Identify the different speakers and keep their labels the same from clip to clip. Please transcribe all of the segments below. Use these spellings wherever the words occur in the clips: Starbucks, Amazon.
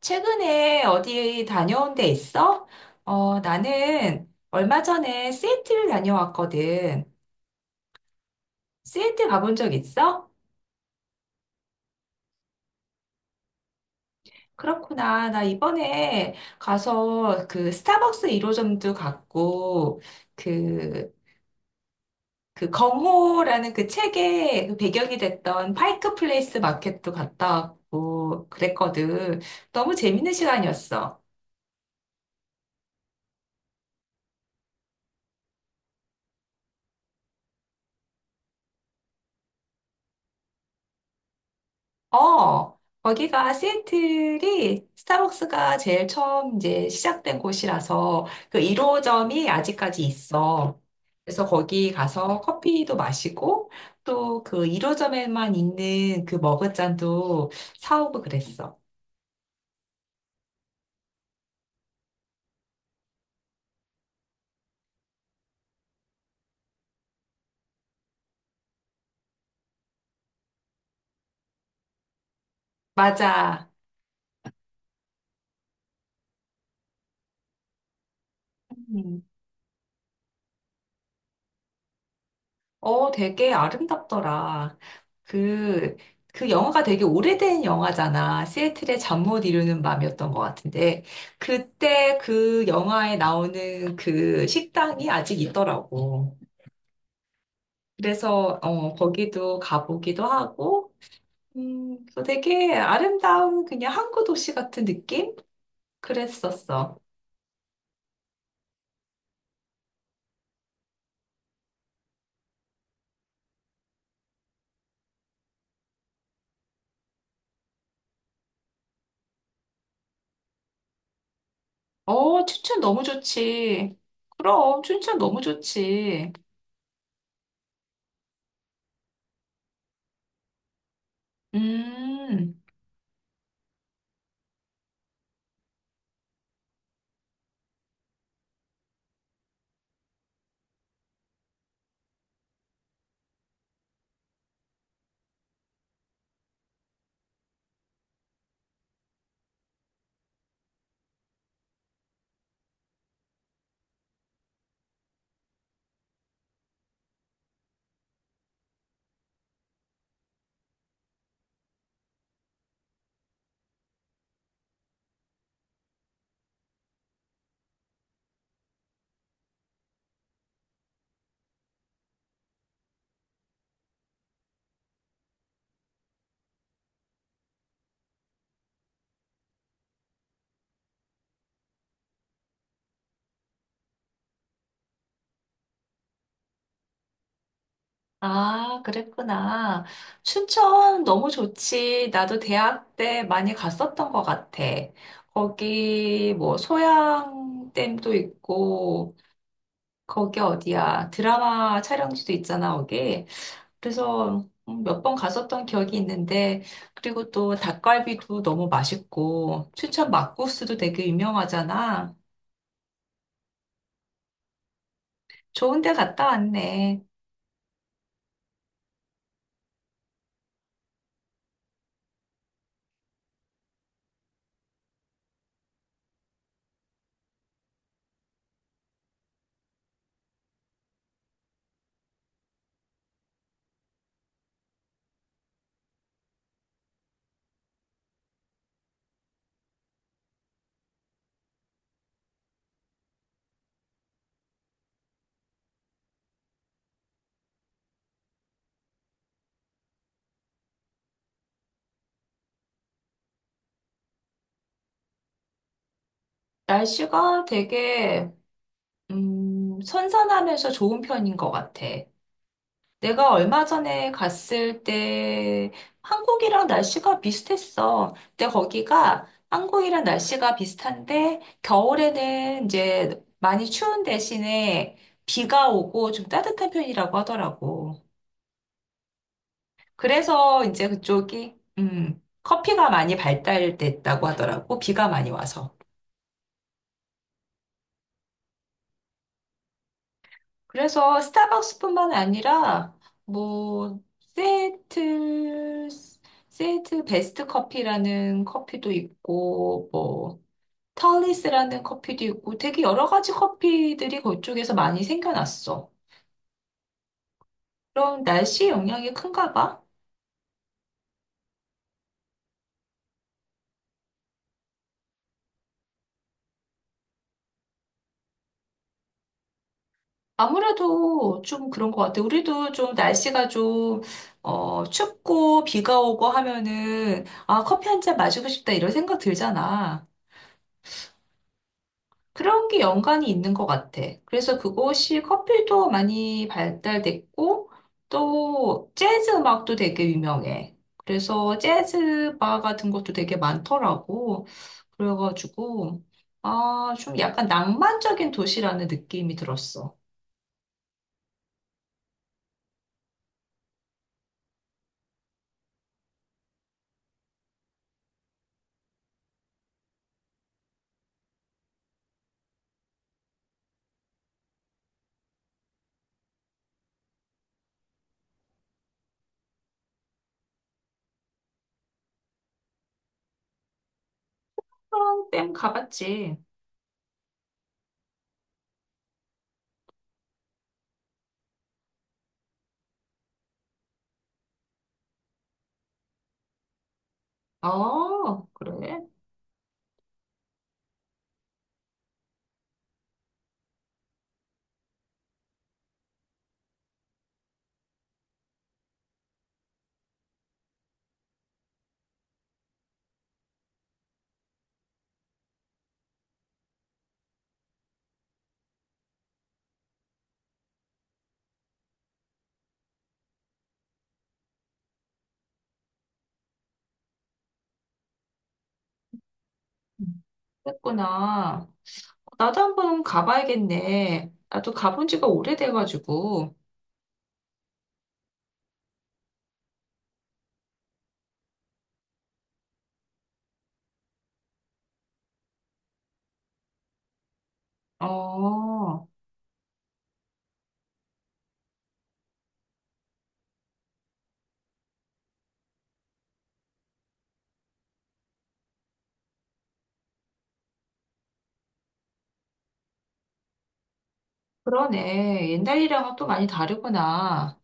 Speaker 1: 최근에 어디 다녀온 데 있어? 나는 얼마 전에 시애틀 다녀왔거든. 시애틀 가본 적 있어? 그렇구나. 나 이번에 가서 그 스타벅스 1호점도 갔고, 그, 그 경호라는 그 책의 그 배경이 됐던 파이크 플레이스 마켓도 갔다 왔고, 그랬거든. 너무 재밌는 시간이었어. 어, 거기가 시애틀이 스타벅스가 제일 처음 이제 시작된 곳이라서 그 1호점이 아직까지 있어. 그래서 거기 가서 커피도 마시고 또 그 1호점에만 있는 그 머그잔도 사오고 그랬어. 맞아. 음. 되게 아름답더라. 그, 그 영화가 되게 오래된 영화잖아. 시애틀의 잠 못 이루는 밤이었던 것 같은데, 그때 그 영화에 나오는 그 식당이 아직 있더라고. 그래서, 거기도 가보기도 하고, 그 되게 아름다운 그냥 항구 도시 같은 느낌? 그랬었어. 어, 춘천 너무 좋지. 그럼, 춘천 너무 좋지. 음. 아, 그랬구나. 춘천 너무 좋지. 나도 대학 때 많이 갔었던 것 같아. 거기 뭐 소양댐도 있고 거기 어디야? 드라마 촬영지도 있잖아, 거기. 그래서 몇번 갔었던 기억이 있는데 그리고 또 닭갈비도 너무 맛있고 춘천 막국수도 되게 유명하잖아. 좋은 데 갔다 왔네. 날씨가 되게 선선하면서 좋은 편인 것 같아. 내가 얼마 전에 갔을 때 한국이랑 날씨가 비슷했어. 근데 거기가 한국이랑 날씨가 비슷한데 겨울에는 이제 많이 추운 대신에 비가 오고 좀 따뜻한 편이라고 하더라고. 그래서 이제 그쪽이 커피가 많이 발달됐다고 하더라고. 비가 많이 와서. 그래서 스타벅스뿐만 아니라 뭐 세틀 세틀 베스트 커피라는 커피도 있고 뭐 털리스라는 커피도 있고 되게 여러 가지 커피들이 그쪽에서 많이 생겨났어. 그럼 날씨 영향이 큰가 봐? 아무래도 좀 그런 것 같아. 우리도 좀 날씨가 좀, 춥고 비가 오고 하면은, 아, 커피 한 잔 마시고 싶다 이런 생각 들잖아. 그런 게 연관이 있는 것 같아. 그래서 그곳이 커피도 많이 발달됐고, 또 재즈 음악도 되게 유명해. 그래서 재즈 바 같은 것도 되게 많더라고. 그래가지고, 아, 좀 약간 낭만적인 도시라는 느낌이 들었어. 그럼 가봤지. 아, 그래? 그랬구나. 나도 한번 가봐야겠네. 나도 가본 지가 오래돼가지고. 어. 그러네. 옛날이랑은 또 많이 다르구나.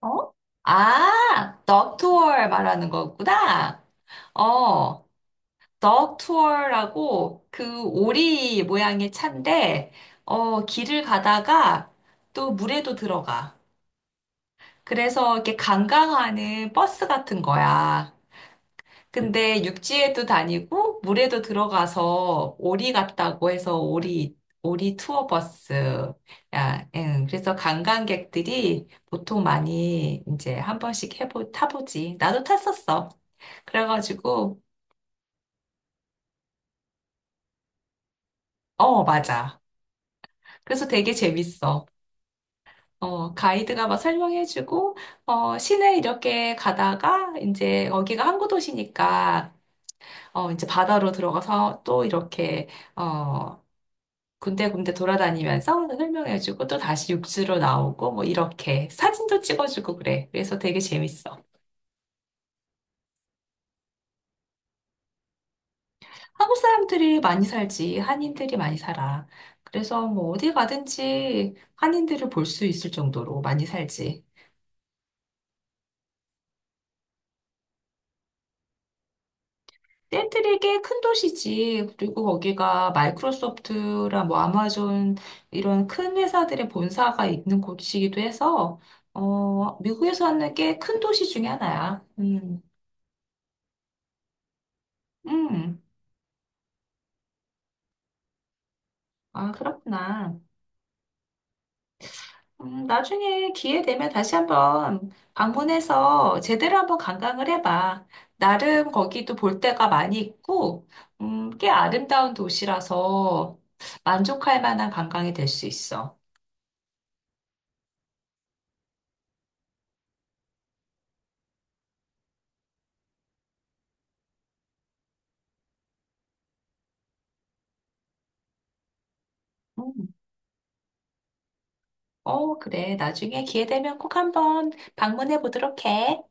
Speaker 1: 어? 아, 덕 투어 말하는 거구나. 어, 덕 투어라고 그 오리 모양의 차인데, 길을 가다가 또 물에도 들어가. 그래서 이렇게 관광하는 버스 같은 거야. 근데 육지에도 다니고 물에도 들어가서 오리 같다고 해서 오리 투어 버스 야, 응. 그래서 관광객들이 보통 많이 이제 한 번씩 해보 타보지. 나도 탔었어. 그래가지고 어 맞아. 그래서 되게 재밌어. 가이드가 막 설명해주고, 시내 이렇게 가다가, 이제, 여기가 항구 도시니까, 이제 바다로 들어가서 또 이렇게, 어, 군데군데 돌아다니면서 설명해주고 또 다시 육지로 나오고 뭐 이렇게 사진도 찍어주고 그래. 그래서 되게 재밌어. 한국 사람들이 많이 살지. 한인들이 많이 살아. 그래서 뭐 어디 가든지 한인들을 볼 수 있을 정도로 많이 살지. 샌들이 꽤 큰 도시지. 그리고 거기가 마이크로소프트랑 뭐 아마존 이런 큰 회사들의 본사가 있는 곳이기도 해서 미국에서 하는 꽤 큰 도시 중에 하나야. 음. 아, 그렇구나. 나중에 기회 되면 다시 한번 방문해서 제대로 한번 관광을 해봐. 나름 거기도 볼 데가 많이 있고, 꽤 아름다운 도시라서 만족할 만한 관광이 될 수 있어. 음, 어, 그래. 나중에 기회 되면 꼭 한번 방문해 보도록 해.